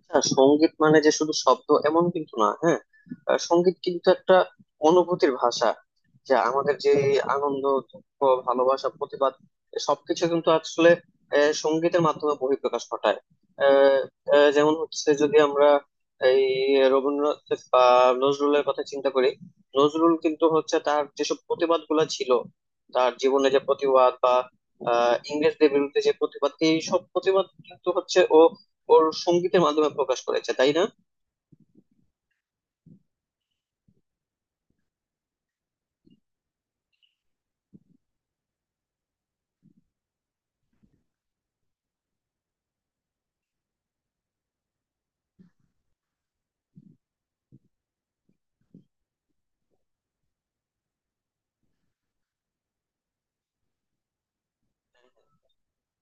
আচ্ছা সঙ্গীত মানে যে শুধু শব্দ এমন কিন্তু না, হ্যাঁ সঙ্গীত কিন্তু একটা অনুভূতির ভাষা, যা আমাদের যে আনন্দ, দুঃখ, ভালোবাসা, প্রতিবাদ সবকিছু কিন্তু আসলে সঙ্গীতের মাধ্যমে বহিঃপ্রকাশ ঘটায়। আহ, যেমন হচ্ছে যদি আমরা এই রবীন্দ্রনাথ বা নজরুলের কথা চিন্তা করি, নজরুল কিন্তু হচ্ছে তার যেসব প্রতিবাদ গুলা ছিল, তার জীবনে যে প্রতিবাদ বা ইংরেজদের বিরুদ্ধে যে প্রতিবাদ, এই সব প্রতিবাদ কিন্তু হচ্ছে ও ওর সঙ্গীতের মাধ্যমে প্রকাশ করেছে, তাই না?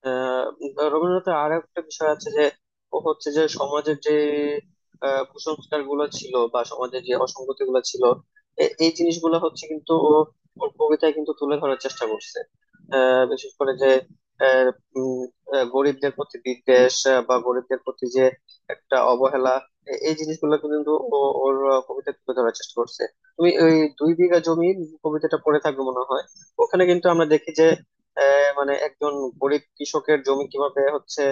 আহ রবীন্দ্রনাথের আর একটা বিষয় আছে যে, ও হচ্ছে যে সমাজের যে কুসংস্কার গুলো ছিল বা সমাজের যে অসঙ্গতি গুলো ছিল, এই জিনিসগুলো হচ্ছে কিন্তু ও ওর কবিতায় কিন্তু তুলে ধরার চেষ্টা করছে। বিশেষ করে যে আহ, উম, গরিবদের প্রতি বিদ্বেষ, বা গরিবদের প্রতি যে একটা অবহেলা, এই জিনিসগুলো কিন্তু ও ওর কবিতায় তুলে ধরার চেষ্টা করছে। তুমি ওই দুই বিঘা জমি কবিতাটা পড়ে থাকবে মনে হয়। ওখানে কিন্তু আমরা দেখি যে মানে একজন গরিব কৃষকের জমি কিভাবে হচ্ছে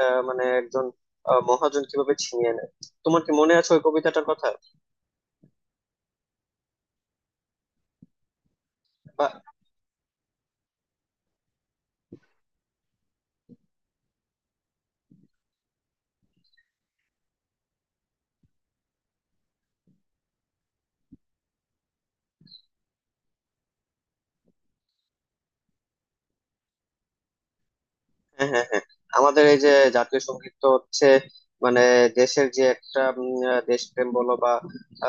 মানে একজন মহাজন কিভাবে ছিনিয়ে নেয়, তোমার কি মনে আছে ওই কবিতাটার কথা বা হ্যাঁ হ্যাঁ হ্যাঁ, আমাদের এই যে জাতীয় সঙ্গীত তো হচ্ছে মানে দেশের যে একটা দেশপ্রেম বলো বা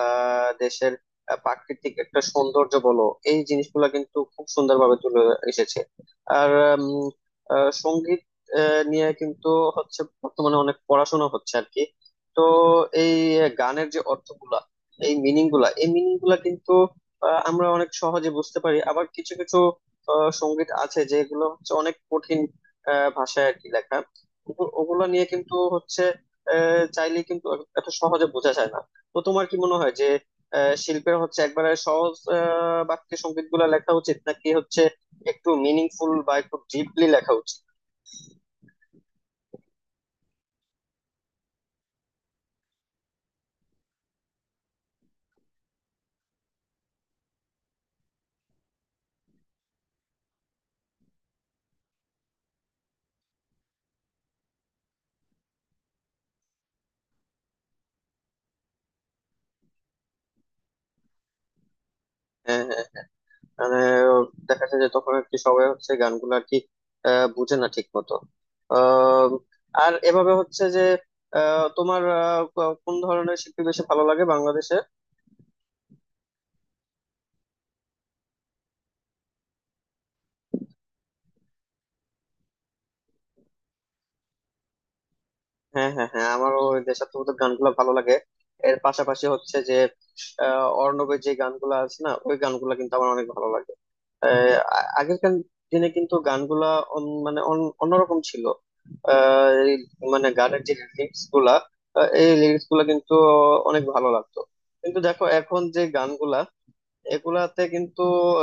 দেশের প্রাকৃতিক একটা সৌন্দর্য বলো, এই জিনিসগুলো কিন্তু খুব সুন্দরভাবে তুলে এসেছে। আর উম, সঙ্গীত নিয়ে কিন্তু হচ্ছে বর্তমানে অনেক পড়াশোনা হচ্ছে আর কি। তো এই গানের যে অর্থগুলা, এই মিনিং গুলা, এই মিনিং গুলা কিন্তু আমরা অনেক সহজে বুঝতে পারি। আবার কিছু কিছু সঙ্গীত আছে যেগুলো হচ্ছে অনেক কঠিন ভাষায় আর কি লেখা, ওগুলো নিয়ে কিন্তু হচ্ছে চাইলে কিন্তু এত সহজে বোঝা যায় না। তো তোমার কি মনে হয় যে শিল্পের হচ্ছে একবারে সহজ বাক্যে সংগীত গুলা লেখা উচিত নাকি হচ্ছে একটু মিনিংফুল বা একটু ডিপলি লেখা উচিত? হ্যাঁ হ্যাঁ, মানে দেখা যায় যে তখন আর কি সবাই হচ্ছে গানগুলো আর কি বুঝে না ঠিক মতো। আহ, আর এভাবে হচ্ছে যে তোমার কোন ধরনের শিল্পী বেশি ভালো লাগে বাংলাদেশে? হ্যাঁ হ্যাঁ হ্যাঁ, আমারও ওই দেশাত্মবোধক গানগুলো ভালো লাগে। এর পাশাপাশি হচ্ছে যে অর্ণবের যে গানগুলো আছে না, ওই গানগুলো কিন্তু আমার অনেক ভালো লাগে। আহ, আ- আগের কান- দিনে কিন্তু গানগুলা অন্যরকম ছিল। এই মানে গানের যে লিরিক্স গুলা, এই লিরিক্স গুলা কিন্তু অনেক ভালো লাগতো। কিন্তু দেখো এখন যে গানগুলা, এগুলাতে কিন্তু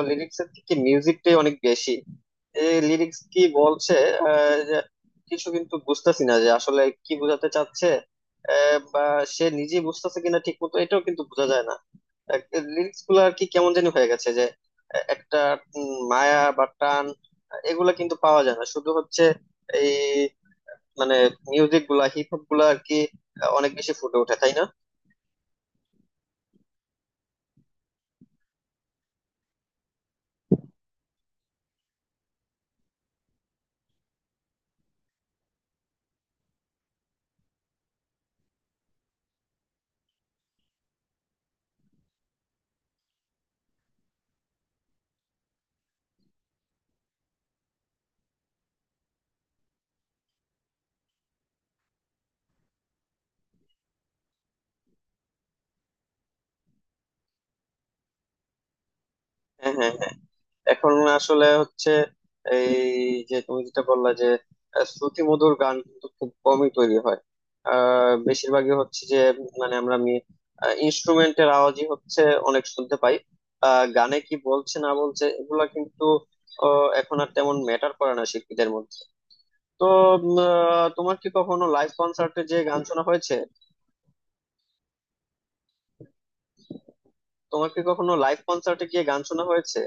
লিরিক্স এর থেকে মিউজিকটাই অনেক বেশি। এই লিরিক্স কি বলছে যে কিছু কিন্তু বুঝতেছি না যে আসলে কি বোঝাতে চাচ্ছে, বা সে নিজে বুঝতেছে কিনা ঠিক মতো, এটাও কিন্তু বোঝা যায় না। লিরিক্স গুলো আর কি কেমন জানি হয়ে গেছে যে একটা মায়া বা টান এগুলা কিন্তু পাওয়া যায় না, শুধু হচ্ছে এই মানে মিউজিক গুলা, হিপ হপ গুলা আর কি অনেক বেশি ফুটে ওঠে, তাই না? হ্যাঁ হ্যাঁ হ্যাঁ, এখন আসলে হচ্ছে এই যে তুমি যেটা বললা যে শ্রুতিমধুর গান কিন্তু খুব কমই তৈরি হয়। বেশিরভাগই হচ্ছে যে মানে আমরা ইনস্ট্রুমেন্টের আওয়াজই হচ্ছে অনেক শুনতে পাই। গানে কি বলছে না বলছে এগুলা কিন্তু এখন আর তেমন ম্যাটার করে না শিল্পীদের মধ্যে। তো তোমার কি কখনো লাইভ কনসার্টে যে গান শোনা হয়েছে? তোমার কি কখনো লাইভ কনসার্টে গিয়ে গান শোনা হয়েছে?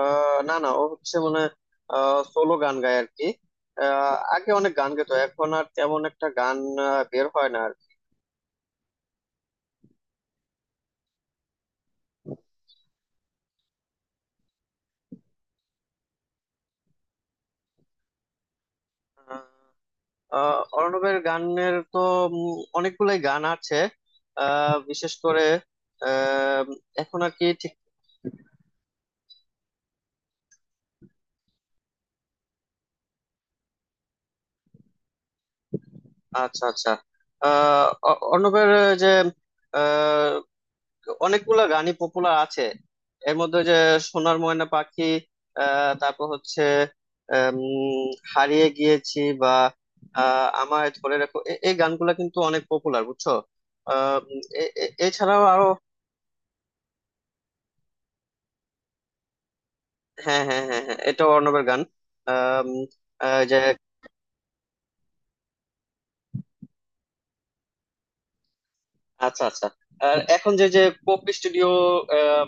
না না, ও হচ্ছে মানে সোলো গান গায় আর কি। আগে অনেক গান গেতো, এখন আর তেমন একটা গান বের হয় না আর কি। অর্ণবের গানের তো অনেকগুলাই গান আছে, বিশেষ করে আহ, এখন আর কি ঠিক আচ্ছা আচ্ছা, অর্ণবের যে অনেকগুলা গানই পপুলার আছে। এর মধ্যে যে সোনার ময়না পাখি, তারপর হচ্ছে আম, হারিয়ে গিয়েছি বা আমায় ধরে রাখো, এই গানগুলা কিন্তু অনেক পপুলার, বুঝছো? আহ, উম, এ- এ- এছাড়াও আরো হ্যাঁ হ্যাঁ হ্যাঁ হ্যাঁ, এটা অর্ণবের গান। আম, যে আচ্ছা আচ্ছা, আর এখন যে যে পপ স্টুডিও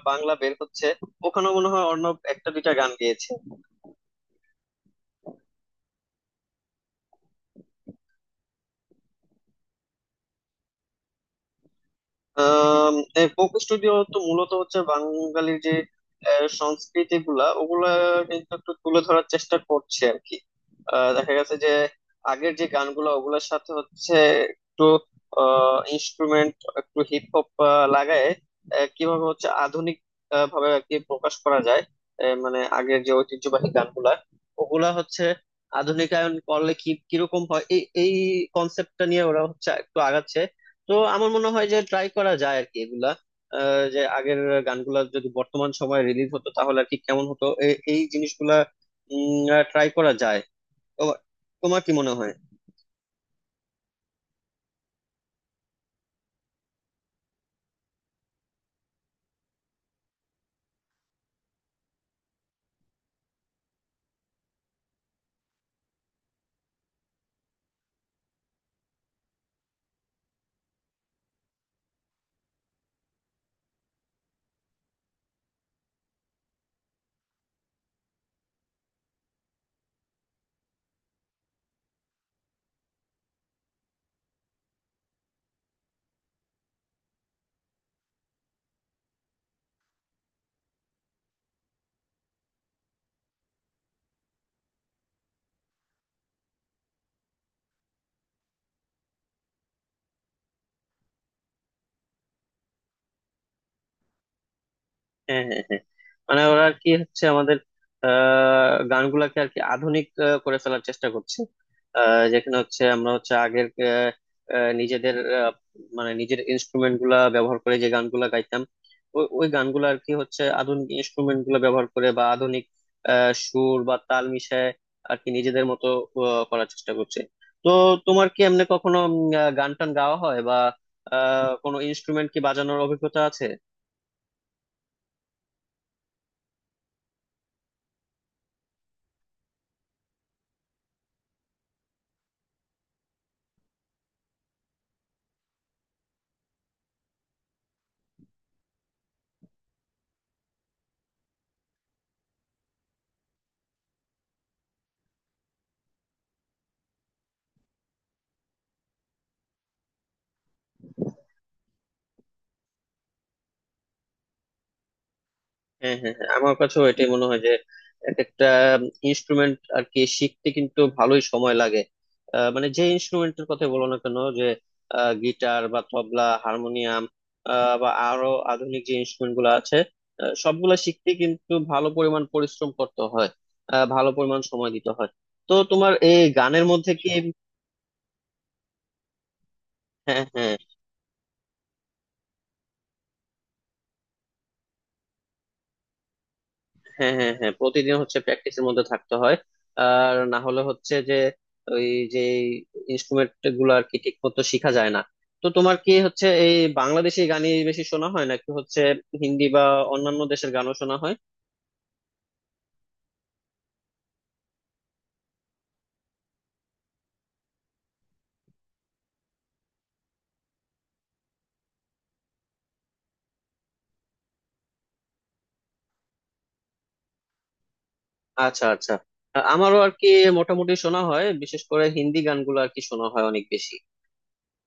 বাংলা বের হচ্ছে, ওখানেও মনে হয় অর্ণব একটা দুইটা গান গেয়েছে। কোক স্টুডিও তো মূলত হচ্ছে বাঙালির যে সংস্কৃতি গুলা, ওগুলা কিন্তু একটু তুলে ধরার চেষ্টা করছে আর কি। দেখা গেছে যে আগের যে গানগুলো ওগুলোর সাথে হচ্ছে একটু ইনস্ট্রুমেন্ট, একটু হিপ হপ লাগায় কিভাবে হচ্ছে আধুনিক ভাবে আর কি প্রকাশ করা যায়। মানে আগের যে ঐতিহ্যবাহী গানগুলা ওগুলা হচ্ছে আধুনিকায়ন করলে কি কিরকম হয়, এই এই কনসেপ্টটা নিয়ে ওরা হচ্ছে একটু আগাচ্ছে। তো আমার মনে হয় যে ট্রাই করা যায় আর কি এগুলা, যে আগের গানগুলা যদি বর্তমান সময়ে রিলিজ হতো তাহলে আর কি কেমন হতো, এই জিনিসগুলা ট্রাই করা যায়। তো তোমার কি মনে হয়? হ্যাঁ হ্যাঁ হ্যাঁ, মানে ওরা আর কি হচ্ছে আমাদের গানগুলাকে আর কি আধুনিক করে ফেলার চেষ্টা করছে। যেখানে হচ্ছে আমরা হচ্ছে আগের নিজেদের মানে নিজের ইনস্ট্রুমেন্ট গুলা ব্যবহার করে যে গানগুলা গাইতাম, ওই ওই গানগুলো আর কি হচ্ছে আধুনিক ইনস্ট্রুমেন্ট গুলা ব্যবহার করে বা আধুনিক সুর বা তাল মিশায় আর কি নিজেদের মতো করার চেষ্টা করছে। তো তোমার কি এমনি কখনো গান টান গাওয়া হয় বা কোনো ইনস্ট্রুমেন্ট কি বাজানোর অভিজ্ঞতা আছে? হ্যাঁ হ্যাঁ হ্যাঁ, আমার কাছেও এটাই মনে হয় যে এক একটা ইনস্ট্রুমেন্ট আর কি শিখতে কিন্তু ভালোই সময় লাগে। মানে যে ইনস্ট্রুমেন্টের কথা বলো না কেন, যে গিটার বা তবলা, হারমোনিয়াম বা আরো আধুনিক যে ইনস্ট্রুমেন্ট গুলো আছে, সবগুলা শিখতে কিন্তু ভালো পরিমাণ পরিশ্রম করতে হয়, ভালো পরিমাণ সময় দিতে হয়। তো তোমার এই গানের মধ্যে কি হ্যাঁ হ্যাঁ, হ্যাঁ হ্যাঁ হ্যাঁ, প্রতিদিন হচ্ছে প্র্যাকটিসের মধ্যে থাকতে হয়, আর না হলে হচ্ছে যে ওই যে ইনস্ট্রুমেন্ট গুলো আর কি ঠিক মতো শিখা যায় না। তো তোমার কি হচ্ছে এই বাংলাদেশি গানই বেশি শোনা হয় নাকি হচ্ছে হিন্দি বা অন্যান্য দেশের গানও শোনা হয়? আচ্ছা আচ্ছা, আমারও আর কি মোটামুটি শোনা হয়, বিশেষ করে হিন্দি গানগুলো আর কি শোনা হয় অনেক বেশি।